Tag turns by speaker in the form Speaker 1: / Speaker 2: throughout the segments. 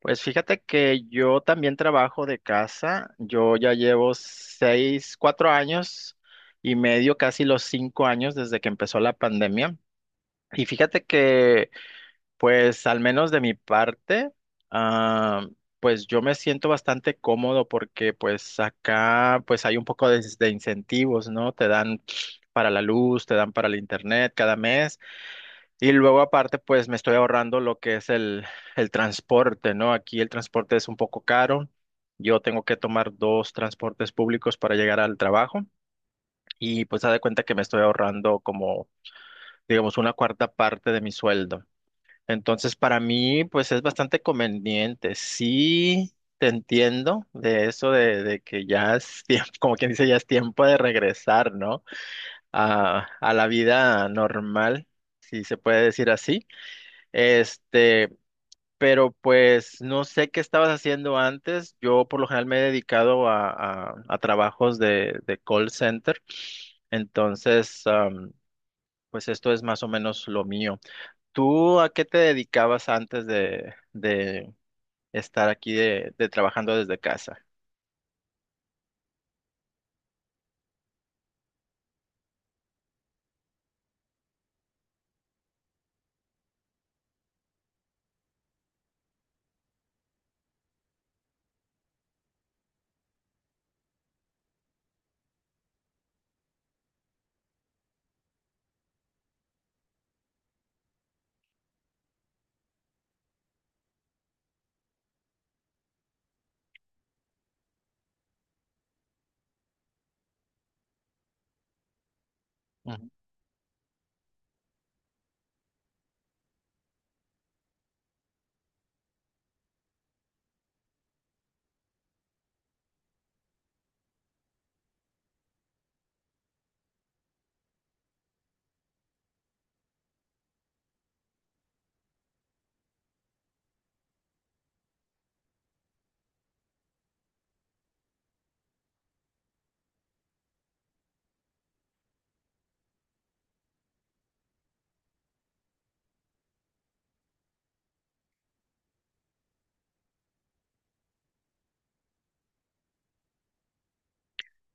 Speaker 1: Pues fíjate que yo también trabajo de casa. Yo ya llevo 4 años y medio, casi los 5 años desde que empezó la pandemia. Y fíjate que, pues al menos de mi parte, ah, pues yo me siento bastante cómodo porque pues acá pues hay un poco de incentivos, ¿no? Te dan para la luz, te dan para el internet cada mes. Y luego aparte, pues me estoy ahorrando lo que es el transporte, ¿no? Aquí el transporte es un poco caro. Yo tengo que tomar dos transportes públicos para llegar al trabajo y pues haz de cuenta que me estoy ahorrando como, digamos, una cuarta parte de mi sueldo. Entonces, para mí, pues es bastante conveniente. Sí, te entiendo de eso de que ya es tiempo, como quien dice, ya es tiempo de regresar, ¿no? A la vida normal, si se puede decir así. Este, pero pues no sé qué estabas haciendo antes. Yo por lo general me he dedicado a, a trabajos de call center. Entonces, pues esto es más o menos lo mío. ¿Tú a qué te dedicabas antes de estar aquí de trabajando desde casa? Ujú.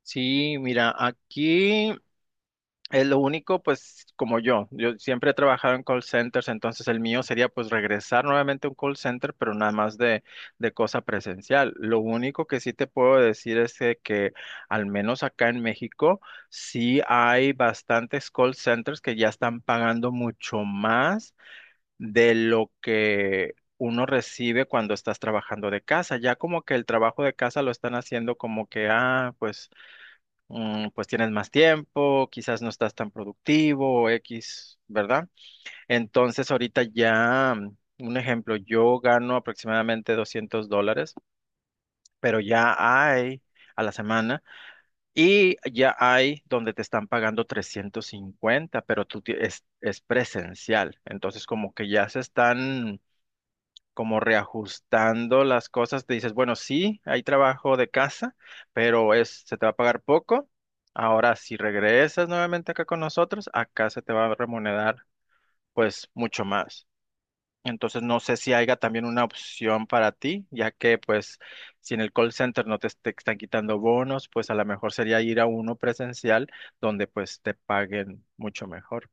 Speaker 1: Sí, mira, aquí. Es lo único, pues, como yo siempre he trabajado en call centers, entonces el mío sería pues regresar nuevamente a un call center, pero nada más de cosa presencial. Lo único que sí te puedo decir es de que al menos acá en México sí hay bastantes call centers que ya están pagando mucho más de lo que uno recibe cuando estás trabajando de casa. Ya como que el trabajo de casa lo están haciendo como que, ah, pues pues tienes más tiempo, quizás no estás tan productivo o X, ¿verdad? Entonces ahorita ya, un ejemplo, yo gano aproximadamente $200, pero ya hay a la semana y ya hay donde te están pagando 350 pero es presencial. Entonces como que ya se están como reajustando las cosas, te dices, bueno, sí, hay trabajo de casa, pero es, se te va a pagar poco. Ahora, si regresas nuevamente acá con nosotros, acá se te va a remunerar pues mucho más. Entonces, no sé si haya también una opción para ti, ya que pues si en el call center no te, te están quitando bonos, pues a lo mejor sería ir a uno presencial donde pues te paguen mucho mejor.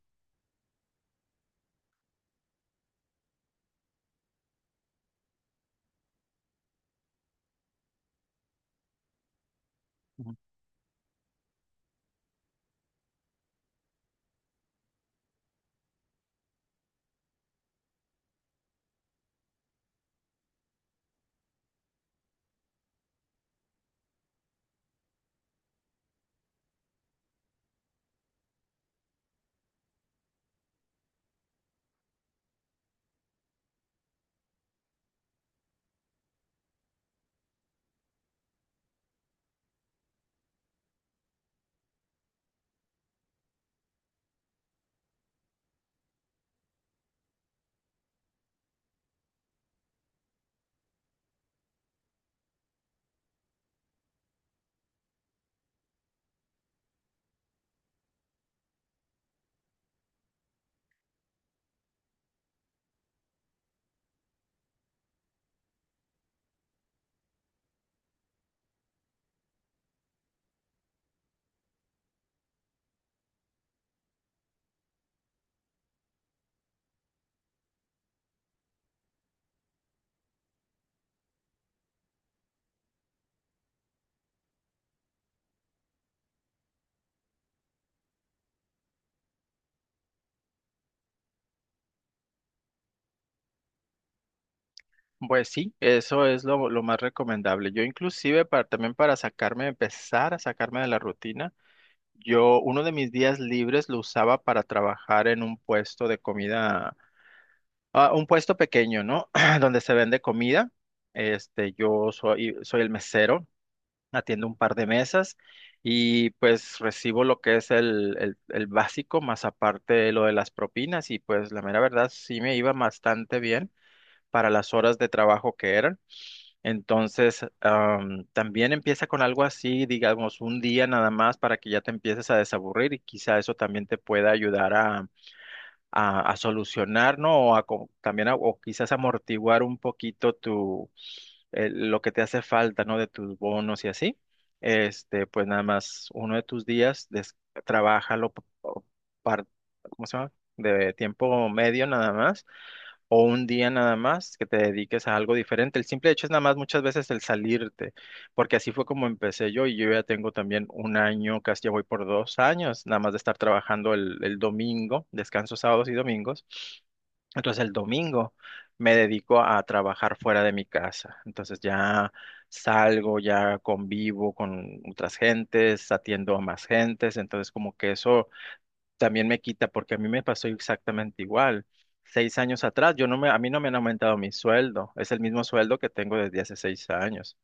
Speaker 1: Pues sí, eso es lo más recomendable. Yo inclusive para, también para sacarme, empezar a sacarme de la rutina, yo uno de mis días libres lo usaba para trabajar en un puesto de comida, ah, un puesto pequeño, ¿no? Donde se vende comida. Este, yo soy el mesero, atiendo un par de mesas y pues recibo lo que es el básico, más aparte lo de las propinas y pues la mera verdad sí me iba bastante bien para las horas de trabajo que eran. Entonces, también empieza con algo así, digamos, un día nada más para que ya te empieces a desaburrir y quizá eso también te pueda ayudar a solucionar, ¿no? O a, co- también a- o quizás amortiguar un poquito lo que te hace falta, ¿no? De tus bonos y así. Este, pues nada más uno de tus días, trabájalo par- ¿cómo se llama? De tiempo medio nada más o un día nada más que te dediques a algo diferente. El simple hecho es nada más muchas veces el salirte porque así fue como empecé yo y yo ya tengo también un año, casi ya voy por 2 años, nada más de estar trabajando el domingo, descanso sábados y domingos. Entonces el domingo me dedico a trabajar fuera de mi casa. Entonces ya salgo, ya convivo con otras gentes, atiendo a más gentes. Entonces como que eso también me quita porque a mí me pasó exactamente igual. 6 años atrás, yo no me, a mí no me han aumentado mi sueldo. Es el mismo sueldo que tengo desde hace 6 años.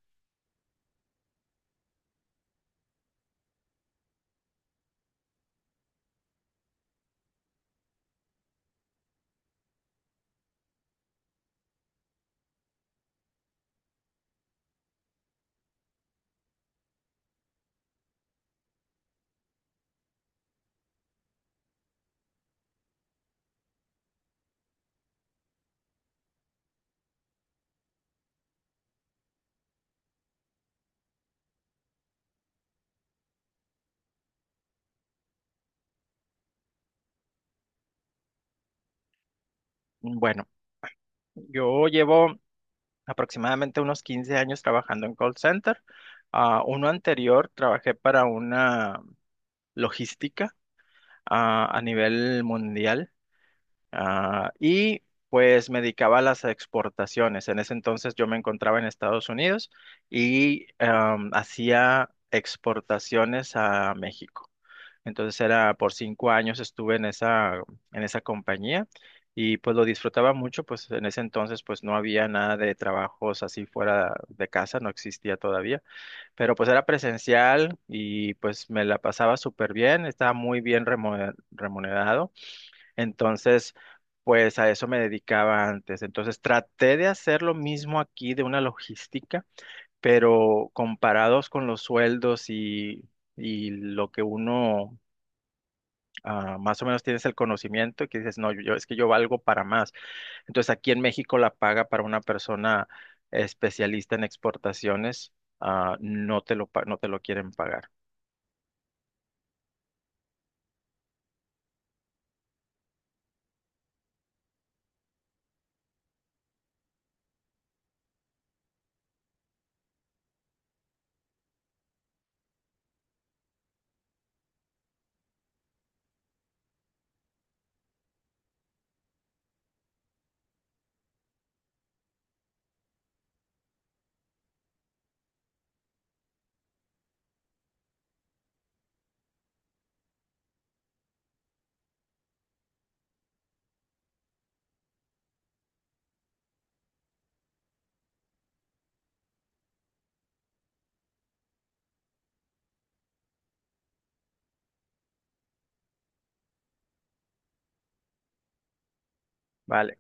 Speaker 1: Bueno. Yo llevo aproximadamente unos 15 años trabajando en call center. Ah, uno anterior trabajé para una logística, a nivel mundial, y pues me dedicaba a las exportaciones. En ese entonces yo me encontraba en Estados Unidos y hacía exportaciones a México. Entonces era por 5 años estuve en en esa compañía y pues lo disfrutaba mucho, pues en ese entonces pues no había nada de trabajos así fuera de casa, no existía todavía, pero pues era presencial y pues me la pasaba súper bien, estaba muy bien remunerado, entonces pues a eso me dedicaba antes. Entonces traté de hacer lo mismo aquí de una logística, pero comparados con los sueldos y lo que uno, más o menos tienes el conocimiento y que dices, no, es que yo valgo para más. Entonces aquí en México la paga para una persona especialista en exportaciones, no te lo, no te lo quieren pagar. ¿Vale?